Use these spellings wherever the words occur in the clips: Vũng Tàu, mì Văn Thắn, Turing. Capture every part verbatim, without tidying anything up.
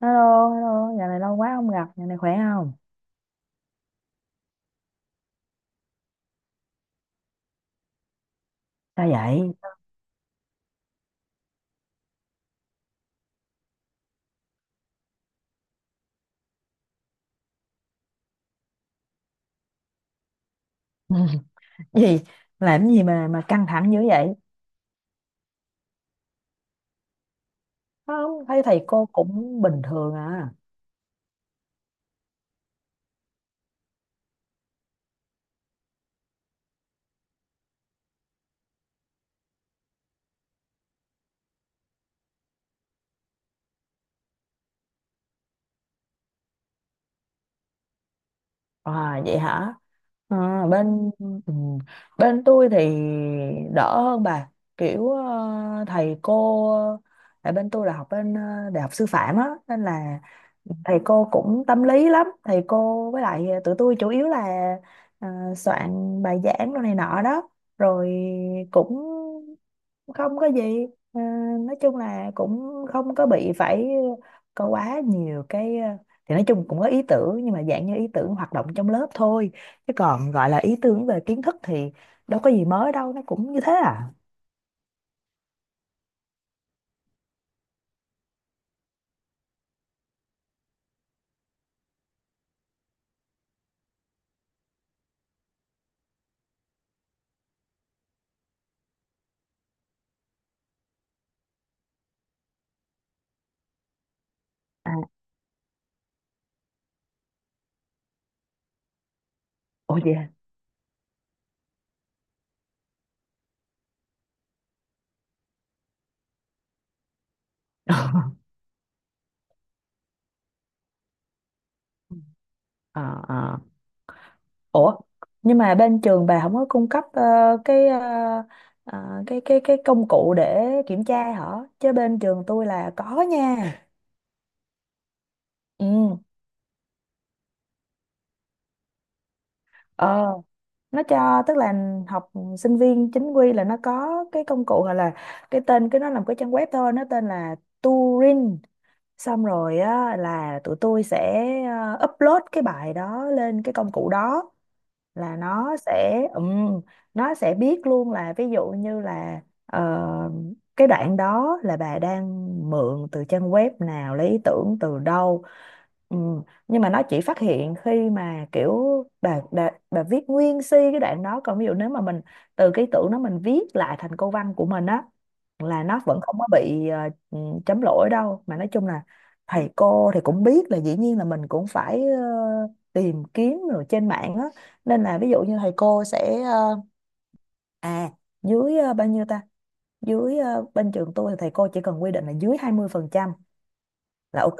Hello, hello, nhà này lâu quá không gặp, nhà này khỏe không? Sao vậy? Gì? Làm gì mà mà căng thẳng dữ vậy? Không, thấy thầy cô cũng bình thường à. À vậy hả? À, bên ừ, bên tôi thì đỡ hơn bà, kiểu ờ, thầy cô, tại bên tôi là học bên ờ, đại học sư phạm á nên là thầy cô cũng tâm lý lắm. Thầy cô với lại tụi tôi chủ yếu là ờ, soạn bài giảng đồ này nọ đó, rồi cũng không có gì. Ờ, nói chung là cũng không có bị phải có quá nhiều cái, ờ, thì nói chung cũng có ý tưởng, nhưng mà dạng như ý tưởng hoạt động trong lớp thôi. Chứ còn gọi là ý tưởng về kiến thức thì đâu có gì mới đâu, nó cũng như thế à. À, ồ vậy à? Ờ, ờ. Ủa, nhưng mà bên trường bà không có cung cấp ờ, cái ờ, ờ, cái cái cái công cụ để kiểm tra hả? Chứ bên trường tôi là có nha. Ừ, ờ, nó cho, tức là học sinh viên chính quy là nó có cái công cụ, hoặc là cái tên, cái nó làm cái trang web thôi, nó tên là Turing. Xong rồi á là tụi tôi sẽ ờ, upload cái bài đó lên cái công cụ đó, là nó sẽ ừm, nó sẽ biết luôn, là ví dụ như là ờ, cái đoạn đó là bà đang mượn từ trang web nào, lấy ý tưởng từ đâu. Ừm, nhưng mà nó chỉ phát hiện khi mà kiểu bà, bà, bà viết nguyên si cái đoạn đó, còn ví dụ nếu mà mình từ cái ý tưởng đó mình viết lại thành câu văn của mình á, là nó vẫn không có bị ờ, ừm, chấm lỗi đâu. Mà nói chung là thầy cô thì cũng biết là dĩ nhiên là mình cũng phải ờ, tìm kiếm rồi trên mạng á, nên là ví dụ như thầy cô sẽ ờ, à dưới ờ, bao nhiêu ta, dưới ờ, bên trường tôi thì thầy cô chỉ cần quy định là dưới hai mươi phần trăm là ok.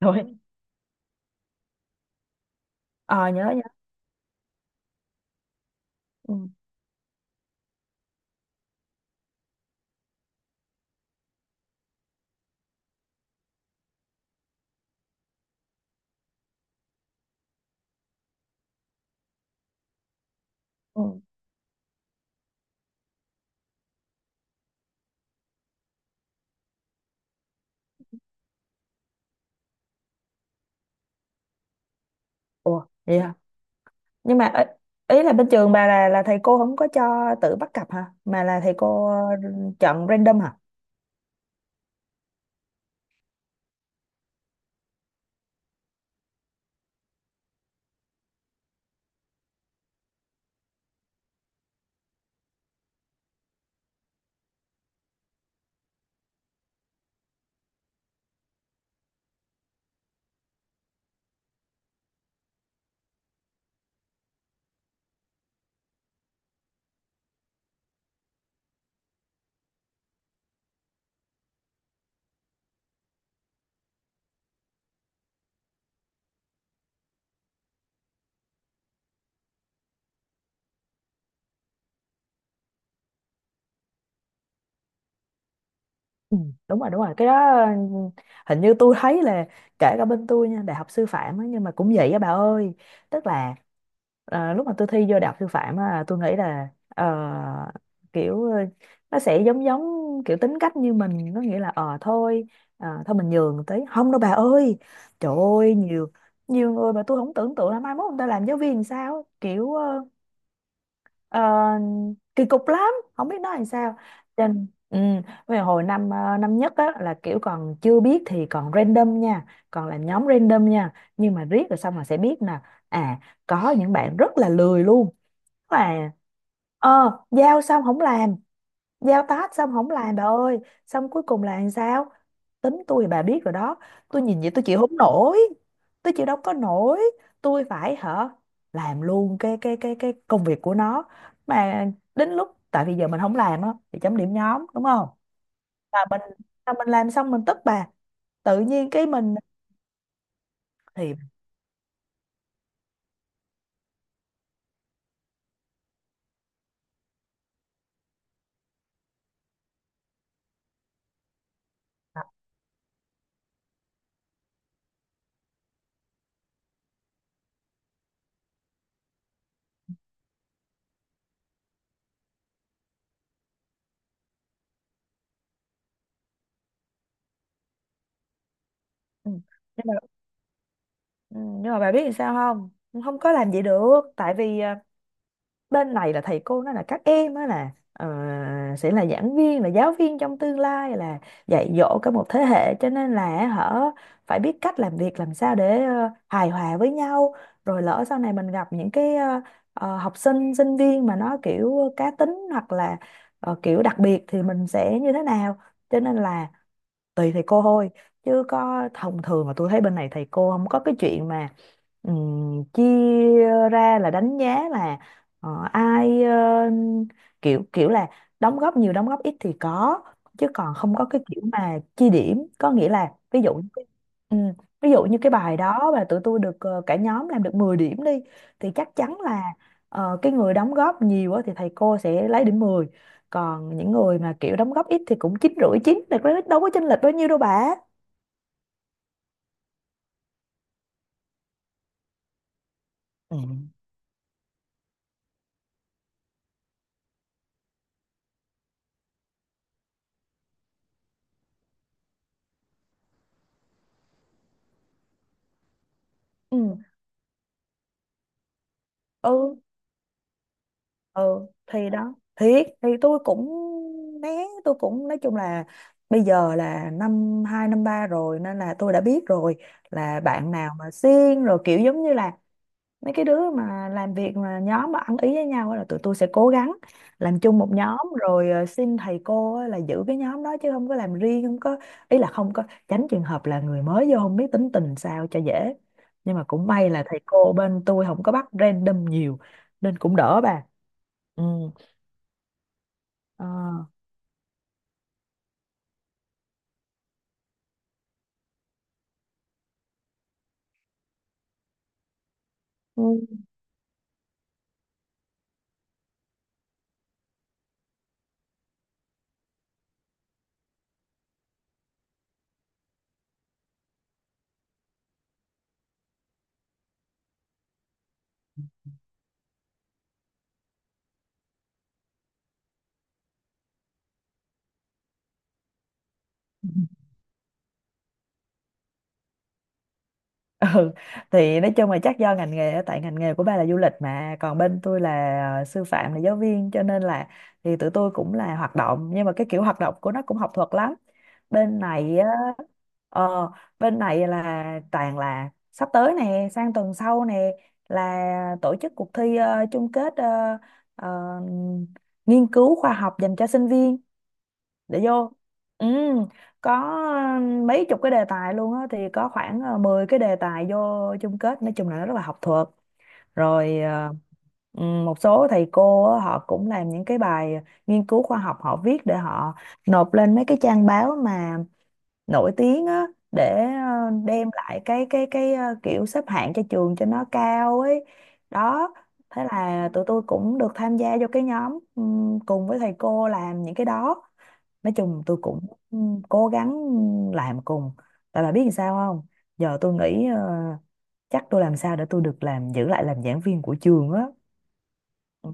Rồi. ờ Nhớ nhớ. Ừ. Ừ. Ủa vậy hả? Nhưng mà ý ý là bên trường bà là là thầy cô không có cho tự bắt cặp hả, mà là thầy cô ờ, chọn random hả? Ừ, đúng rồi, đúng rồi, cái đó ừ, hình như tôi thấy là kể cả bên tôi nha, đại học sư phạm á, nhưng mà cũng vậy á bà ơi. Tức là ờ, lúc mà tôi thi vô đại học sư phạm á, tôi nghĩ là ờ, kiểu ờ, nó sẽ giống giống kiểu tính cách như mình, nó nghĩa là ờ thôi, ờ, thôi mình nhường tí, không đâu bà ơi. Trời ơi, nhiều nhiều người mà tôi không tưởng tượng là mai mốt người ta làm giáo viên làm sao, kiểu ờ, Ờ, kỳ cục lắm, không biết nói làm sao. Trên, ừ, về hồi năm ờ, năm nhất á, là kiểu còn chưa biết thì còn random nha, còn là nhóm random nha, nhưng mà riết rồi xong là sẽ biết nè. À, có những bạn rất là lười luôn, là ờ giao xong không làm, giao task xong không làm bà ơi. Xong cuối cùng là làm sao? Tính tôi bà biết rồi đó, tôi nhìn vậy tôi chịu không nổi, tôi chịu đâu có nổi, tôi phải hả làm luôn cái cái cái cái công việc của nó. Mà đến lúc, tại vì giờ mình không làm á thì chấm điểm nhóm đúng không, mà mình mà mình làm xong mình tức bà, tự nhiên cái mình thì ừ. Nhưng mà ừ, nhưng mà bà biết làm sao không, không có làm vậy được, tại vì ờ, bên này là thầy cô nói là các em đó là ờ, sẽ là giảng viên, là giáo viên trong tương lai, là dạy dỗ cả một thế hệ, cho nên là họ phải biết cách làm việc làm sao để ờ, hài hòa với nhau. Rồi lỡ sau này mình gặp những cái ờ, ờ, học sinh sinh viên mà nó kiểu cá tính, hoặc là ờ, kiểu đặc biệt thì mình sẽ như thế nào, cho nên là tùy thầy cô thôi. Chứ có thông thường mà tôi thấy bên này thầy cô không có cái chuyện mà ừm, chia ra là đánh giá là ờ, ai ờ, kiểu kiểu là đóng góp nhiều đóng góp ít thì có. Chứ còn không có cái kiểu mà chia điểm, có nghĩa là ví dụ như cái- ví dụ như cái bài đó mà tụi tôi được, ờ, cả nhóm làm được mười điểm đi, thì chắc chắn là ờ, cái người đóng góp nhiều á thì thầy cô sẽ lấy điểm mười, còn những người mà kiểu đóng góp ít thì cũng chín rưỡi, chín thì có- đâu có chênh lệch bao nhiêu đâu bà. Ừ. Ừ, ừ, ừ thì đó, thiệt thì tôi cũng né, tôi cũng nói chung là bây giờ là năm hai năm ba rồi nên là tôi đã biết rồi, là bạn nào mà siêng rồi, kiểu giống như là mấy cái đứa mà làm việc, mà nhóm mà ăn ý với nhau á, là tụi tôi sẽ cố gắng làm chung một nhóm, rồi ờ, xin thầy cô á là giữ cái nhóm đó, chứ không có làm riêng, không có ý là không có, tránh trường hợp là người mới vô không biết tính tình sao cho dễ. Nhưng mà cũng may là thầy cô bên tôi không có bắt random nhiều nên cũng đỡ bà. Ừ. Ờ. Ừ. Ừ thì nói chung là chắc do ngành nghề á, tại ngành nghề của ba là du lịch, mà còn bên tôi là ờ, sư phạm, là giáo viên, cho nên là thì tụi tôi cũng là hoạt động, nhưng mà cái kiểu hoạt động của nó cũng học thuật lắm. Bên này á, ờ, bên này là toàn là sắp tới nè, sang tuần sau nè, là tổ chức cuộc thi ờ, chung kết ờ, ờ, nghiên cứu khoa học dành cho sinh viên, để vô, ừ, có ờ, mấy chục cái đề tài luôn á, thì có khoảng ờ, mười cái đề tài vô chung kết, nói chung là nó rất là học thuật. Rồi ờ, ừ, một số thầy cô á, họ cũng làm những cái bài nghiên cứu khoa học, họ viết để họ nộp lên mấy cái trang báo mà nổi tiếng á, để ờ, đem lại cái cái cái ờ, kiểu xếp hạng cho trường cho nó cao ấy. Đó, thế là tụi tôi cũng được tham gia vô cái nhóm ừ, cùng với thầy cô làm những cái đó. Nói chung tôi cũng cố gắng làm cùng, tại bà biết làm sao không, giờ tôi nghĩ ờ, chắc tôi làm sao để tôi được làm, giữ lại làm giảng viên của trường á. Ừ.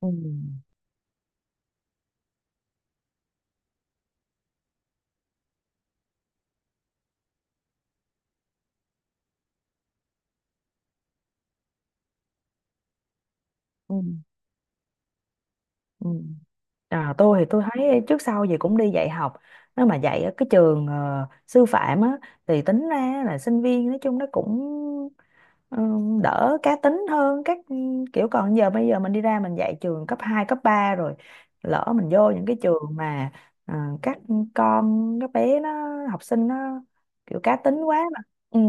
Ừ. Ừ. Ừ. À, tôi thì tôi thấy trước sau gì cũng đi dạy học, nếu mà dạy ở cái trường ờ, sư phạm á thì tính ra là sinh viên nói chung nó cũng, ừ, đỡ cá tính hơn các kiểu. Còn giờ bây giờ mình đi ra mình dạy trường cấp hai cấp ba rồi, lỡ mình vô những cái trường mà à, các con các bé nó, học sinh nó kiểu cá tính quá mà, ừ.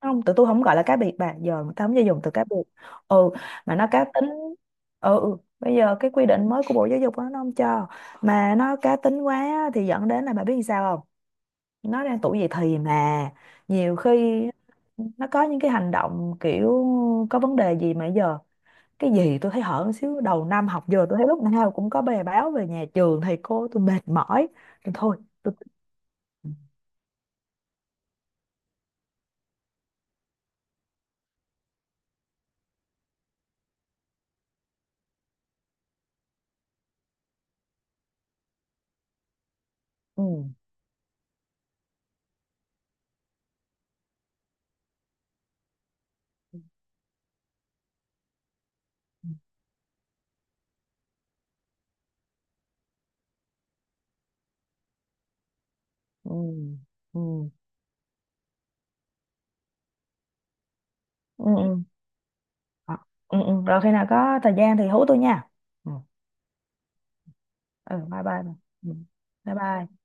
Không, tụi tôi không gọi là cá biệt bà, giờ người ta không cho dùng từ cá biệt, ừ, mà nó cá tính. Ừ, ừ. Bây giờ cái quy định mới của Bộ Giáo dục đó, nó không cho. Mà nó cá tính quá á, thì dẫn đến là bà biết làm sao, nó đang tuổi dậy thì mà, nhiều khi nó có những cái hành động kiểu có vấn đề gì. Mà giờ cái gì tôi thấy hở một xíu đầu năm học, giờ tôi thấy lúc nào cũng có bài báo về nhà trường, thầy cô tôi mệt mỏi, tôi thôi tôi. Ừ, ừ, ừ, ừ, ừ, ừ. Ờ, ừ, ừ. Rồi khi nào có thời gian thì hú tôi nha. Ừ. Ừ. Bye bye. Ừ. Bye bye.